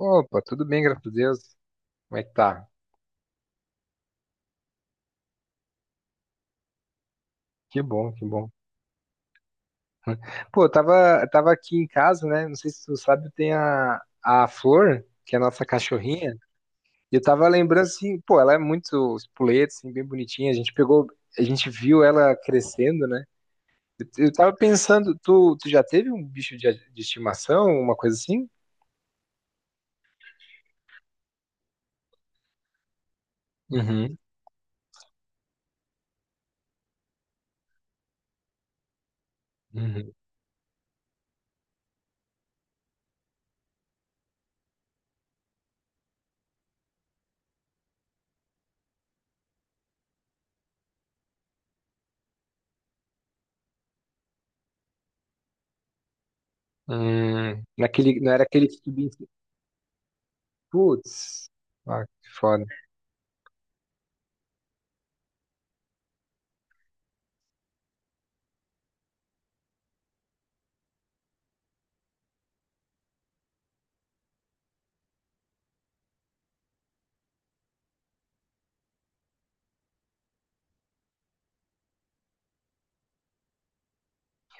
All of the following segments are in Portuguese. Opa, tudo bem, graças a Deus. Como é que tá? Que bom, que bom. Pô, eu tava aqui em casa, né? Não sei se tu sabe, tem a Flor, que é a nossa cachorrinha. E eu tava lembrando assim, pô, ela é muito espoleta, assim, bem bonitinha. A gente pegou, a gente viu ela crescendo, né? Eu tava pensando, tu já teve um bicho de estimação, uma coisa assim? Uhum, uhum. Naquele, não era aquele que tu... Putz, ah, que foda.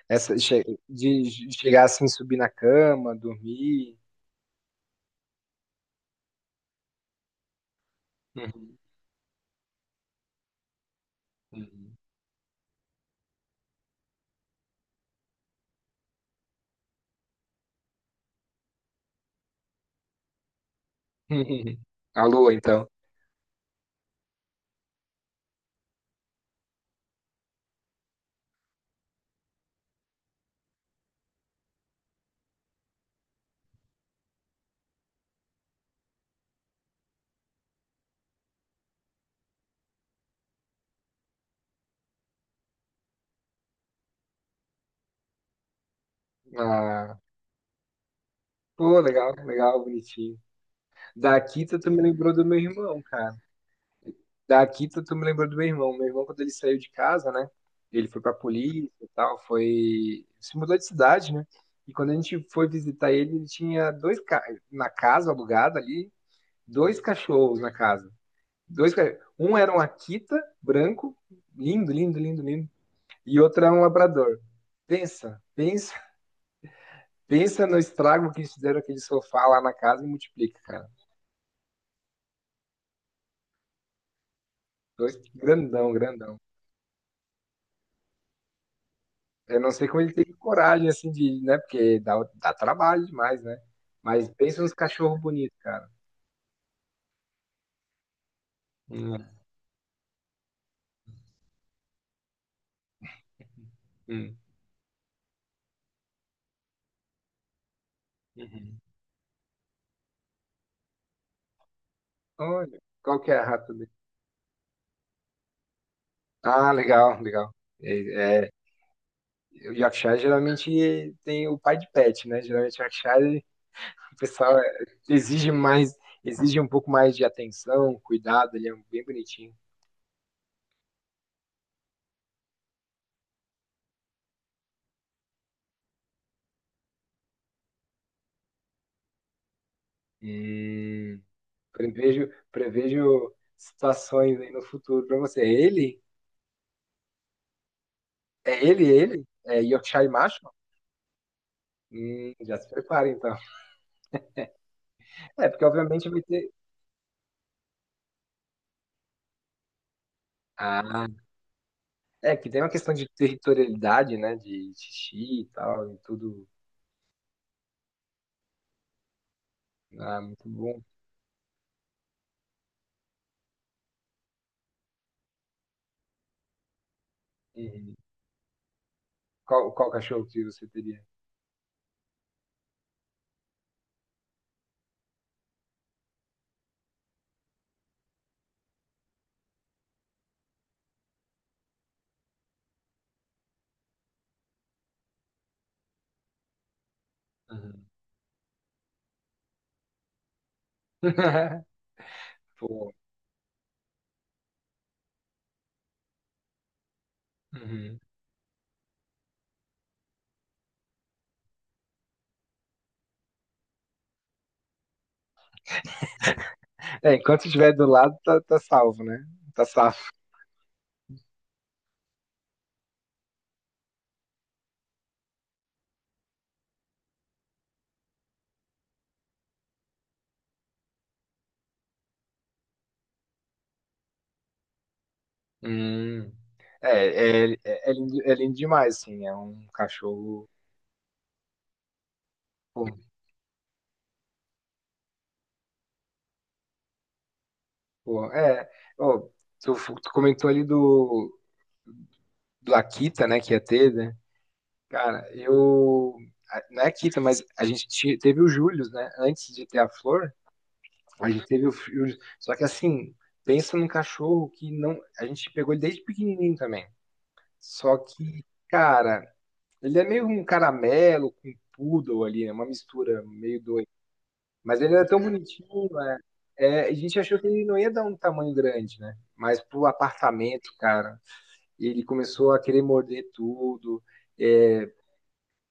Essa che- De chegar assim, subir na cama, dormir. Uhum, uhum. A lua, então. Ah, pô, legal, legal, bonitinho. Da Akita, tu me lembrou do meu irmão, cara. Da Akita, tu me lembrou do meu irmão. Meu irmão, quando ele saiu de casa, né? Ele foi pra polícia e tal, foi... Se mudou de cidade, né? E quando a gente foi visitar ele, ele tinha Na casa alugada ali, dois cachorros na casa. Dois cachorros. Um era um Akita branco, lindo, lindo, lindo, lindo. E outro era um labrador. Pensa, pensa, pensa no estrago que eles fizeram aquele sofá lá na casa e multiplica, cara. Dois grandão, grandão. Eu não sei como ele teve coragem, assim, de, né? Porque dá, dá trabalho demais, né? Mas pensa nos cachorros bonitos, cara. Hum, hum, uhum. Olha, qual que é a rata dele? Ah, legal, legal. É, é, o Yorkshire geralmente tem o pai de pet, né? Geralmente o Yorkshire o pessoal é, exige mais, exige um pouco mais de atenção, cuidado, ele é bem bonitinho. E prevejo, prevejo situações aí no futuro para você. Ele? É ele? É Yorkshire Macho? Já se prepara então. É, porque obviamente vai ter. Ah, é que tem uma questão de territorialidade, né? De xixi e tal, e tudo. Ah, muito bom. E qual cachorro que você teria? Uhum. Pô. Uhum. É, enquanto estiver do lado, tá, tá salvo, né? Tá safo. Hum. É, é lindo, é lindo demais, assim. É um cachorro. Pô, pô, é. Ô, tu comentou ali do, do Akita, né? Que ia ter, né? Cara, não é Akita, mas a gente teve o Július, né? Antes de ter a Flor, a gente teve o Július. Só que, assim, pensa num cachorro que não. A gente pegou ele desde pequenininho também. Só que, cara. Ele é meio um caramelo com poodle ali, né? Uma mistura meio doida. Mas ele era tão bonitinho, né? É, a gente achou que ele não ia dar um tamanho grande, né? Mas pro apartamento, cara, ele começou a querer morder tudo. É,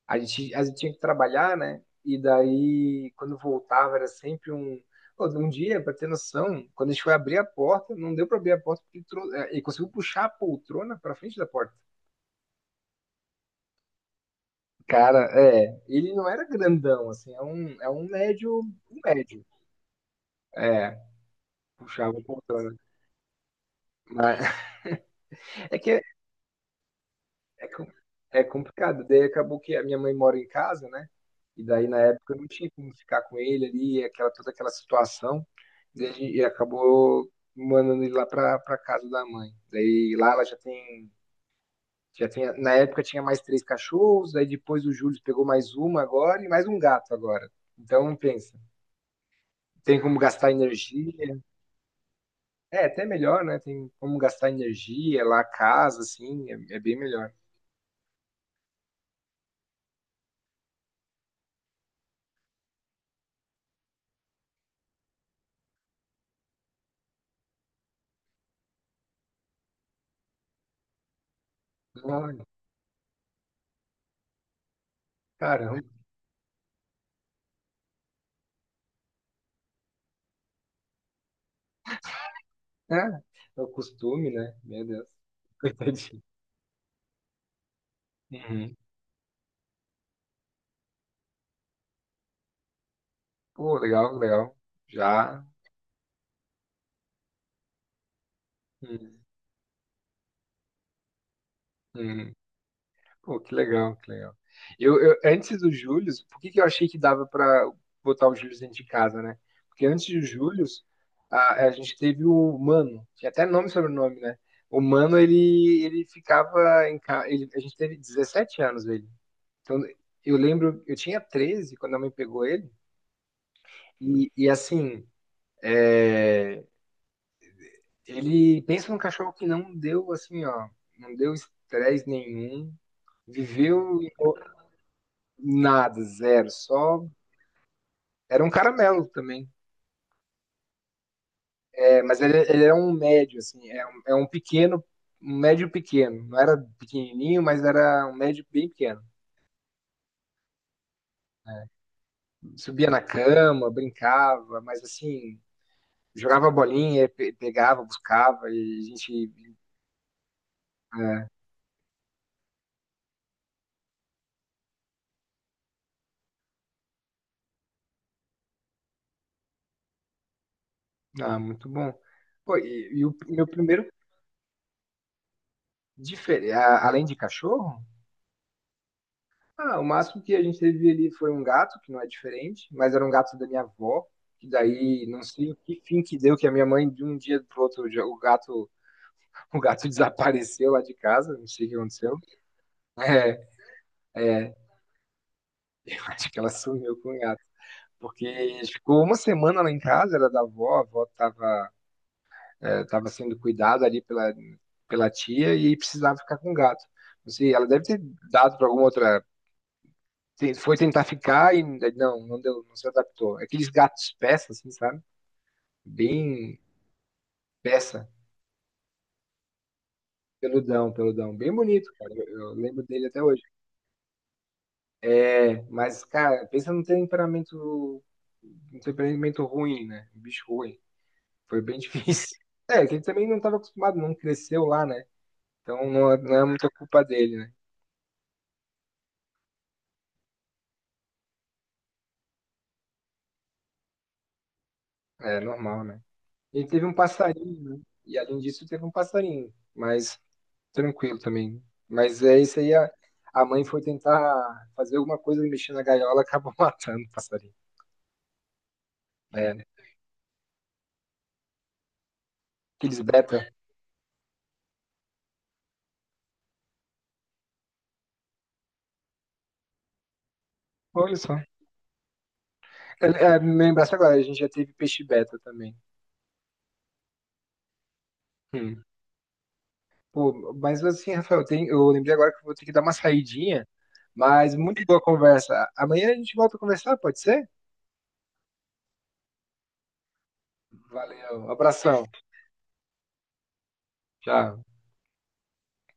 a gente tinha que trabalhar, né? E daí, quando voltava, era sempre um. Pô, um dia, para ter noção, quando a gente foi abrir a porta, não deu para abrir a porta porque ele conseguiu puxar a poltrona para frente da porta. Cara, é, ele não era grandão, assim, é um médio, um médio. É, puxava o poltrona. Mas é que é, é, com- é complicado. Daí acabou que a minha mãe mora em casa, né? E daí na época eu não tinha como ficar com ele ali, aquela, toda aquela situação. E, e acabou mandando ele lá pra, pra casa da mãe. Daí lá ela já tem. Na época tinha mais 3 cachorros, daí depois o Júlio pegou mais uma agora e mais um gato agora. Então pensa, tem como gastar energia. É, até melhor, né? Tem como gastar energia lá, casa, assim, é, é bem melhor. Olha, caramba. É, é o costume, né? Meu Deus. Coitadinho. Uhum. Pô, legal, legal. Já. Uhum. Uhum. Pô, que legal, que legal. Antes do Júlio, por que que eu achei que dava pra botar o Júlio dentro de casa, né? Porque antes do Júlio, a gente teve o Mano, tinha até nome e sobrenome, né? O Mano, ele ficava em casa. A gente teve 17 anos, ele. Então, eu lembro, eu tinha 13 quando a mãe pegou ele, e assim, é, ele pensa num cachorro que não deu, assim, ó, não deu estresse nenhum, viveu em- nada, zero, só. Era um caramelo também, é, mas ele era um médio, assim, é um pequeno, um médio pequeno, não era pequenininho, mas era um médio bem pequeno. Né? Subia na cama, brincava, mas assim, jogava bolinha, pegava, buscava, e a gente é, ah, muito bom. Pô, e o meu primeiro, além de cachorro, ah, o máximo que a gente teve ali foi um gato, que não é diferente, mas era um gato da minha avó, que daí não sei que fim que deu, que a minha mãe, de um dia pro outro, o gato desapareceu lá de casa, não sei o que aconteceu. É, é, eu acho que ela sumiu com o gato. Porque ficou uma semana lá em casa, era da avó, a avó tava estava sendo cuidada ali pela, pela tia e precisava ficar com o gato. Não sei, ela deve ter dado para alguma outra. Foi tentar ficar e não, não deu, não se adaptou. Aqueles gatos peça, assim, sabe? Bem peça, peludão, peludão, bem bonito, cara. Eu lembro dele até hoje. É, mas, cara, pensa num temperamento, um temperamento ruim, né? Um bicho ruim. Foi bem difícil. É, que ele também não estava acostumado, não cresceu lá, né? Não é muita culpa dele, né? É normal, né? Ele teve um passarinho, né? E além disso, teve um passarinho, mas tranquilo também. Mas é isso aí, a mãe foi tentar fazer alguma coisa e mexer na gaiola, acabou matando o passarinho. É, né? Aqueles beta. Olha só. É, é, me lembrasse agora, a gente já teve peixe beta também. Hum. Pô, mas assim, Rafael, tem, eu lembrei agora que eu vou ter que dar uma saidinha, mas muito boa conversa. Amanhã a gente volta a conversar, pode ser? Valeu, abração. Tchau.